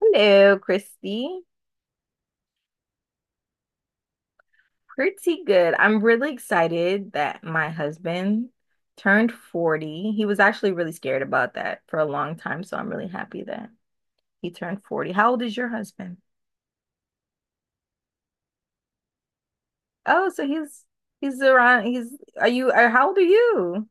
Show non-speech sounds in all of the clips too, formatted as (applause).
Hello, Christy. Pretty good. I'm really excited that my husband turned 40. He was actually really scared about that for a long time, so I'm really happy that he turned 40. How old is your husband? Oh, so he's around, he's are you are how old are you?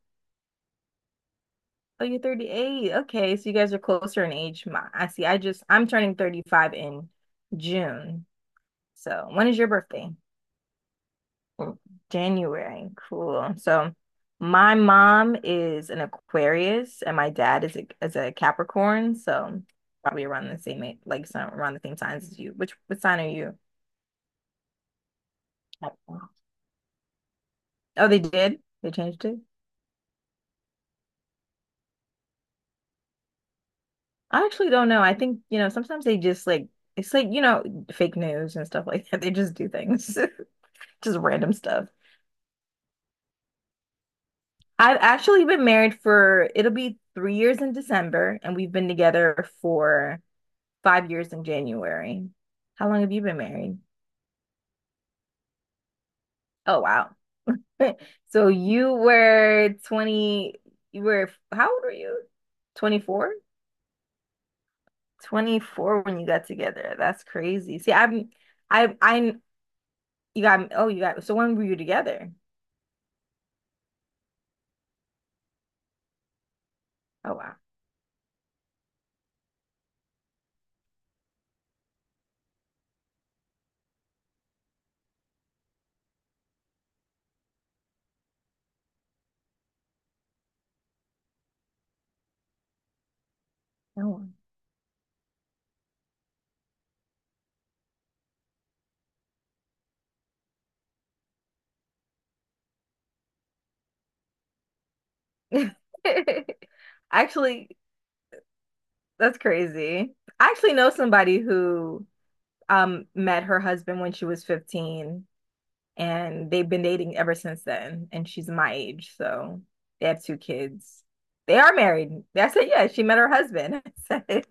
Oh, you're 38. Okay, so you guys are closer in age. My, I see. I just I'm turning 35 in June. So, when is your birthday? January. Cool. So my mom is an Aquarius and my dad is a Capricorn, so probably around the same age, like some around the same signs as you. Which What sign are you? Capricorn. Oh, they did? They changed it? I actually don't know. I think, you know, sometimes they just like it's like, you know, fake news and stuff like that. (laughs) They just do things. (laughs) Just random stuff. I've actually been married for it'll be 3 years in December, and we've been together for 5 years in January. How long have you been married? Oh, wow. (laughs) So you were 20, you were, how old were you? 24? 24 when you got together. That's crazy. See, I, you got, oh, you got, so when were you together? Oh, wow. Oh, wow. (laughs) Actually, that's crazy. I actually know somebody who met her husband when she was 15 and they've been dating ever since then. And she's my age, so they have 2 kids. They are married. I said, yeah, she met her husband. (laughs) I said,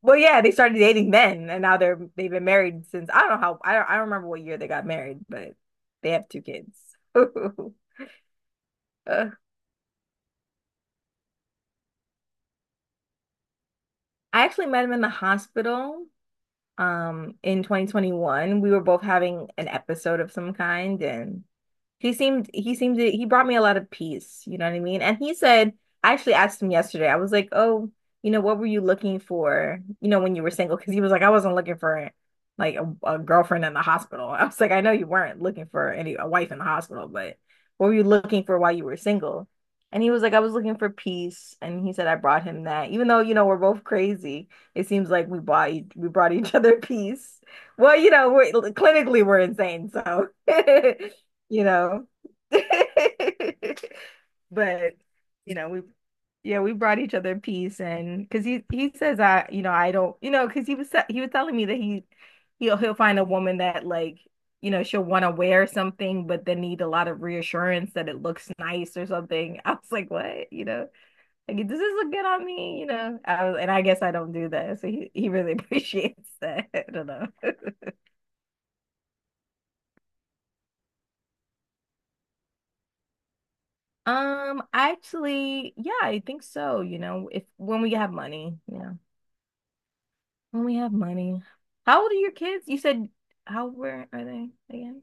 well, yeah, they started dating then, and now they've been married since I don't know how I don't remember what year they got married, but they have 2 kids. (laughs) I actually met him in the hospital in 2021. We were both having an episode of some kind, and he seemed to, he brought me a lot of peace, you know what I mean? And he said, I actually asked him yesterday. I was like, "Oh, you know, what were you looking for, you know, when you were single?" Because he was like, "I wasn't looking for like a girlfriend in the hospital." (laughs) I was like, "I know you weren't looking for any a wife in the hospital, but what were you looking for while you were single?" And he was like, "I was looking for peace." And he said, "I brought him that. Even though, you know, we're both crazy, it seems like we we brought each other (laughs) peace." Well, you know, we're clinically we're insane, so (laughs) you know. (laughs) But you know, we yeah, we brought each other peace and because he says I you know I don't you know because he was he was telling me that he'll he'll find a woman that like you know she'll want to wear something but then need a lot of reassurance that it looks nice or something. (laughs) I was like, what? You know, like does this look good on me? You know, I was, and I guess I don't do that, so he really (laughs) appreciates that. I don't know. (laughs) Actually, yeah, I think so. You know, if when we have money, yeah, when we have money. How old are your kids? You said how where are they again?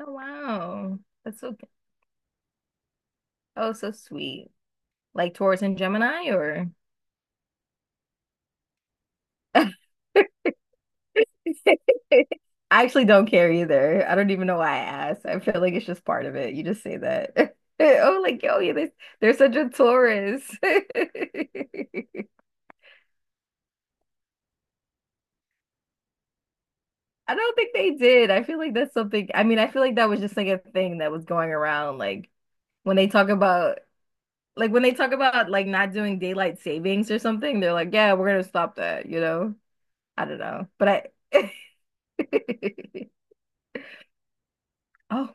Oh, wow, that's so g- oh, so sweet. Like Taurus and Gemini, or (laughs) I actually don't care either. I don't even know why I asked. I feel like it's just part of it. You just say that. (laughs) Oh, like yo, yeah, they're such a Taurus. (laughs) I don't think they did. I feel like that's something, I mean, I feel like that was just like a thing that was going around. When they talk about, like when they talk about like not doing daylight savings or something, they're like, yeah, we're gonna stop that, you know? I don't know. But I, (laughs) oh,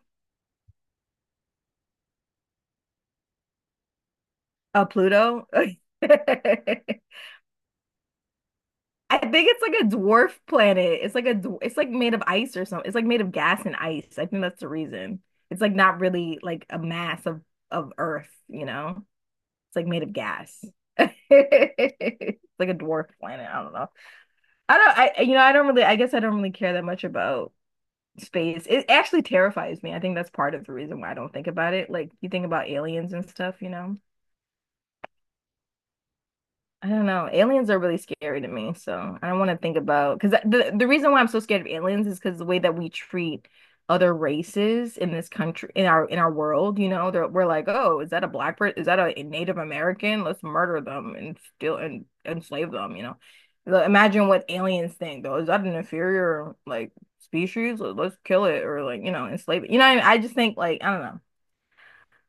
Pluto. (laughs) I think it's like a dwarf planet. It's like it's like made of ice or something. It's like made of gas and ice. I think that's the reason. It's like not really like a mass of Earth, you know? It's like made of gas. (laughs) It's like a dwarf planet. I don't know. I don't. I you know. I don't really. I guess I don't really care that much about space. It actually terrifies me. I think that's part of the reason why I don't think about it. Like you think about aliens and stuff. You know. I don't know. Aliens are really scary to me, so I don't want to think about because the reason why I'm so scared of aliens is because the way that we treat other races in this country, in our world, you know, they're, we're like, oh, is that a black person? Is that a Native American? Let's murder them and steal and enslave them, you know. Like, imagine what aliens think though. Is that an inferior like species? Let's kill it or like you know enslave it. You know what I mean? I just think like I don't know.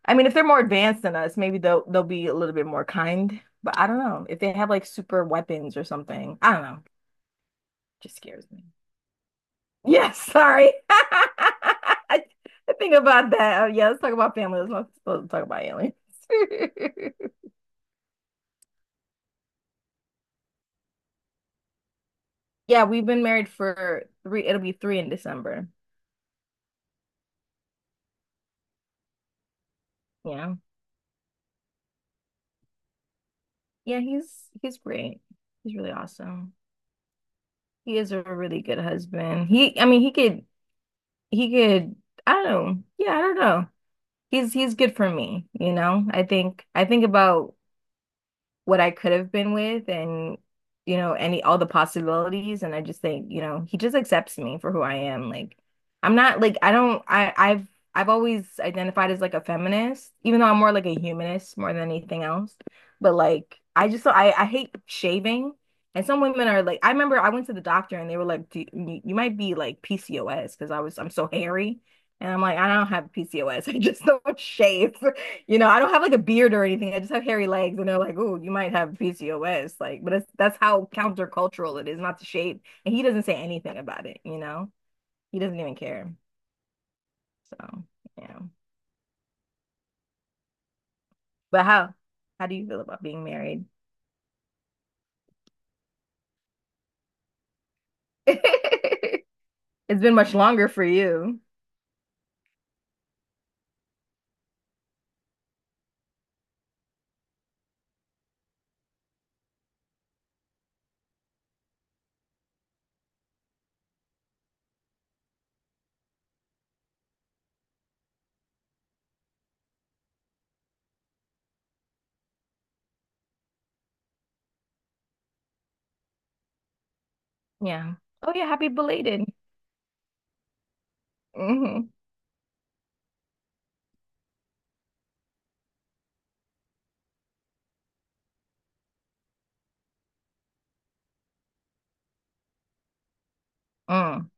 I mean, if they're more advanced than us, maybe they'll be a little bit more kind. But I don't know. If they have like super weapons or something, I don't know. Just scares me. Yes, sorry. (laughs) I think about that. Oh, yeah, let's talk about family. Let's not supposed to talk about aliens. (laughs) Yeah, we've been married for three, it'll be three in December. Yeah. Yeah, he's great. He's really awesome. He is a really good husband. He, I mean, he could I don't know. Yeah, I don't know. He's good for me, you know. I think about what I could have been with and you know any all the possibilities and I just think you know he just accepts me for who I am like I'm not like I don't I I've always identified as like a feminist even though I'm more like a humanist more than anything else but like I just I hate shaving and some women are like I remember I went to the doctor and they were like do, you might be like PCOS because I'm so hairy and I'm like I don't have PCOS (laughs) I just don't shave, you know, I don't have like a beard or anything. I just have hairy legs, and they're like, "Oh, you might have PCOS." Like, but it's, that's how countercultural it is, not to shade. And he doesn't say anything about it. You know, he doesn't even care. So, yeah. But how do you feel about being married? (laughs) It's been much longer for you. Yeah. Oh yeah, happy belated. Mm hmm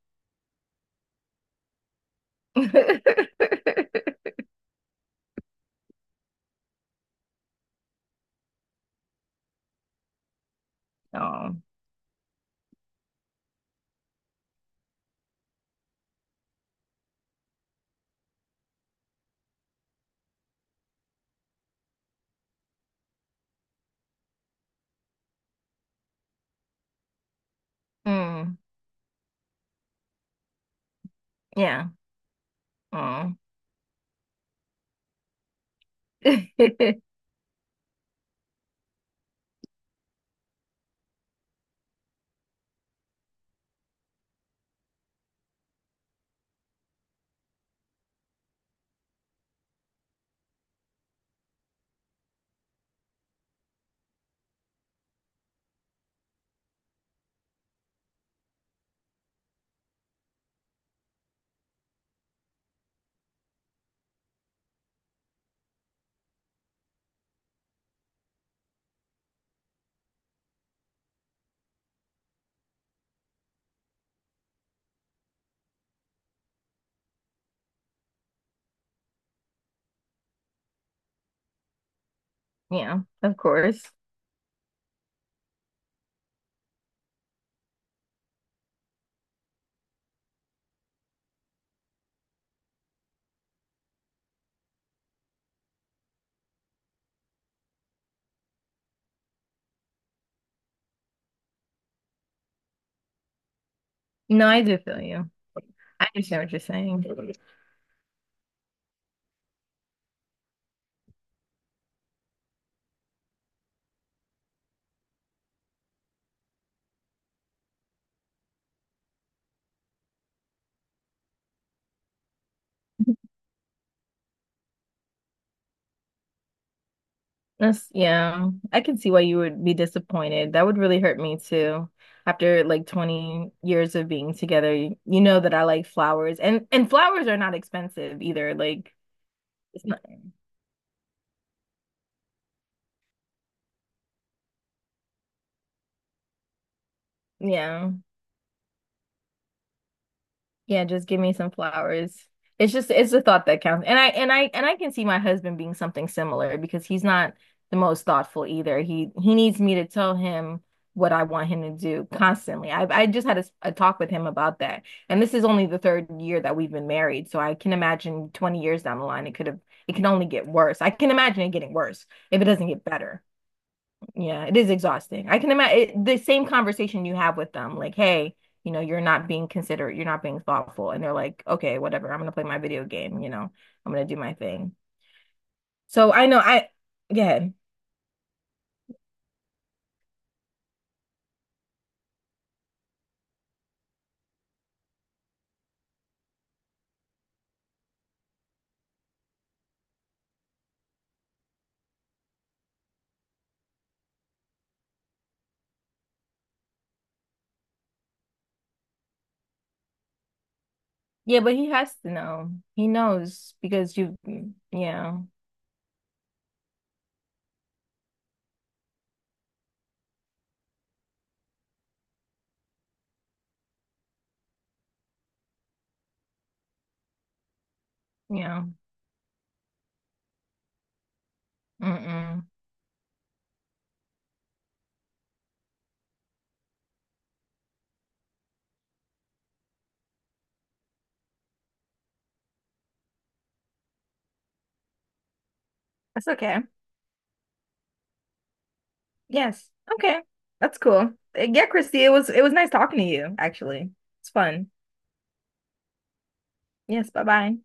Mm. (laughs) Oh. Mm. Yeah. Oh. (laughs) Yeah, of course. No, I do feel you. I understand what you're saying. That's, yeah. I can see why you would be disappointed. That would really hurt me too. After like 20 years of being together, you know that I like flowers and flowers are not expensive either. Like it's not yeah. Yeah, just give me some flowers. It's just it's the thought that counts. And I can see my husband being something similar because he's not the most thoughtful either. He needs me to tell him what I want him to do constantly. I just had a talk with him about that. And this is only the 3rd year that we've been married, so I can imagine 20 years down the line it could have it can only get worse. I can imagine it getting worse if it doesn't get better. Yeah, it is exhausting. I can imagine the same conversation you have with them, like, hey, you know, you're not being considerate, you're not being thoughtful. And they're like, okay, whatever, I'm gonna play my video game, you know, I'm gonna do my thing. So yeah, yeah, but he has to know. He knows because you, mm, yeah, yeah, mm-mm. That's okay. Yes, okay, that's cool. Eh, yeah, Christy, it was nice talking to you, actually. It's fun. Yes, bye-bye.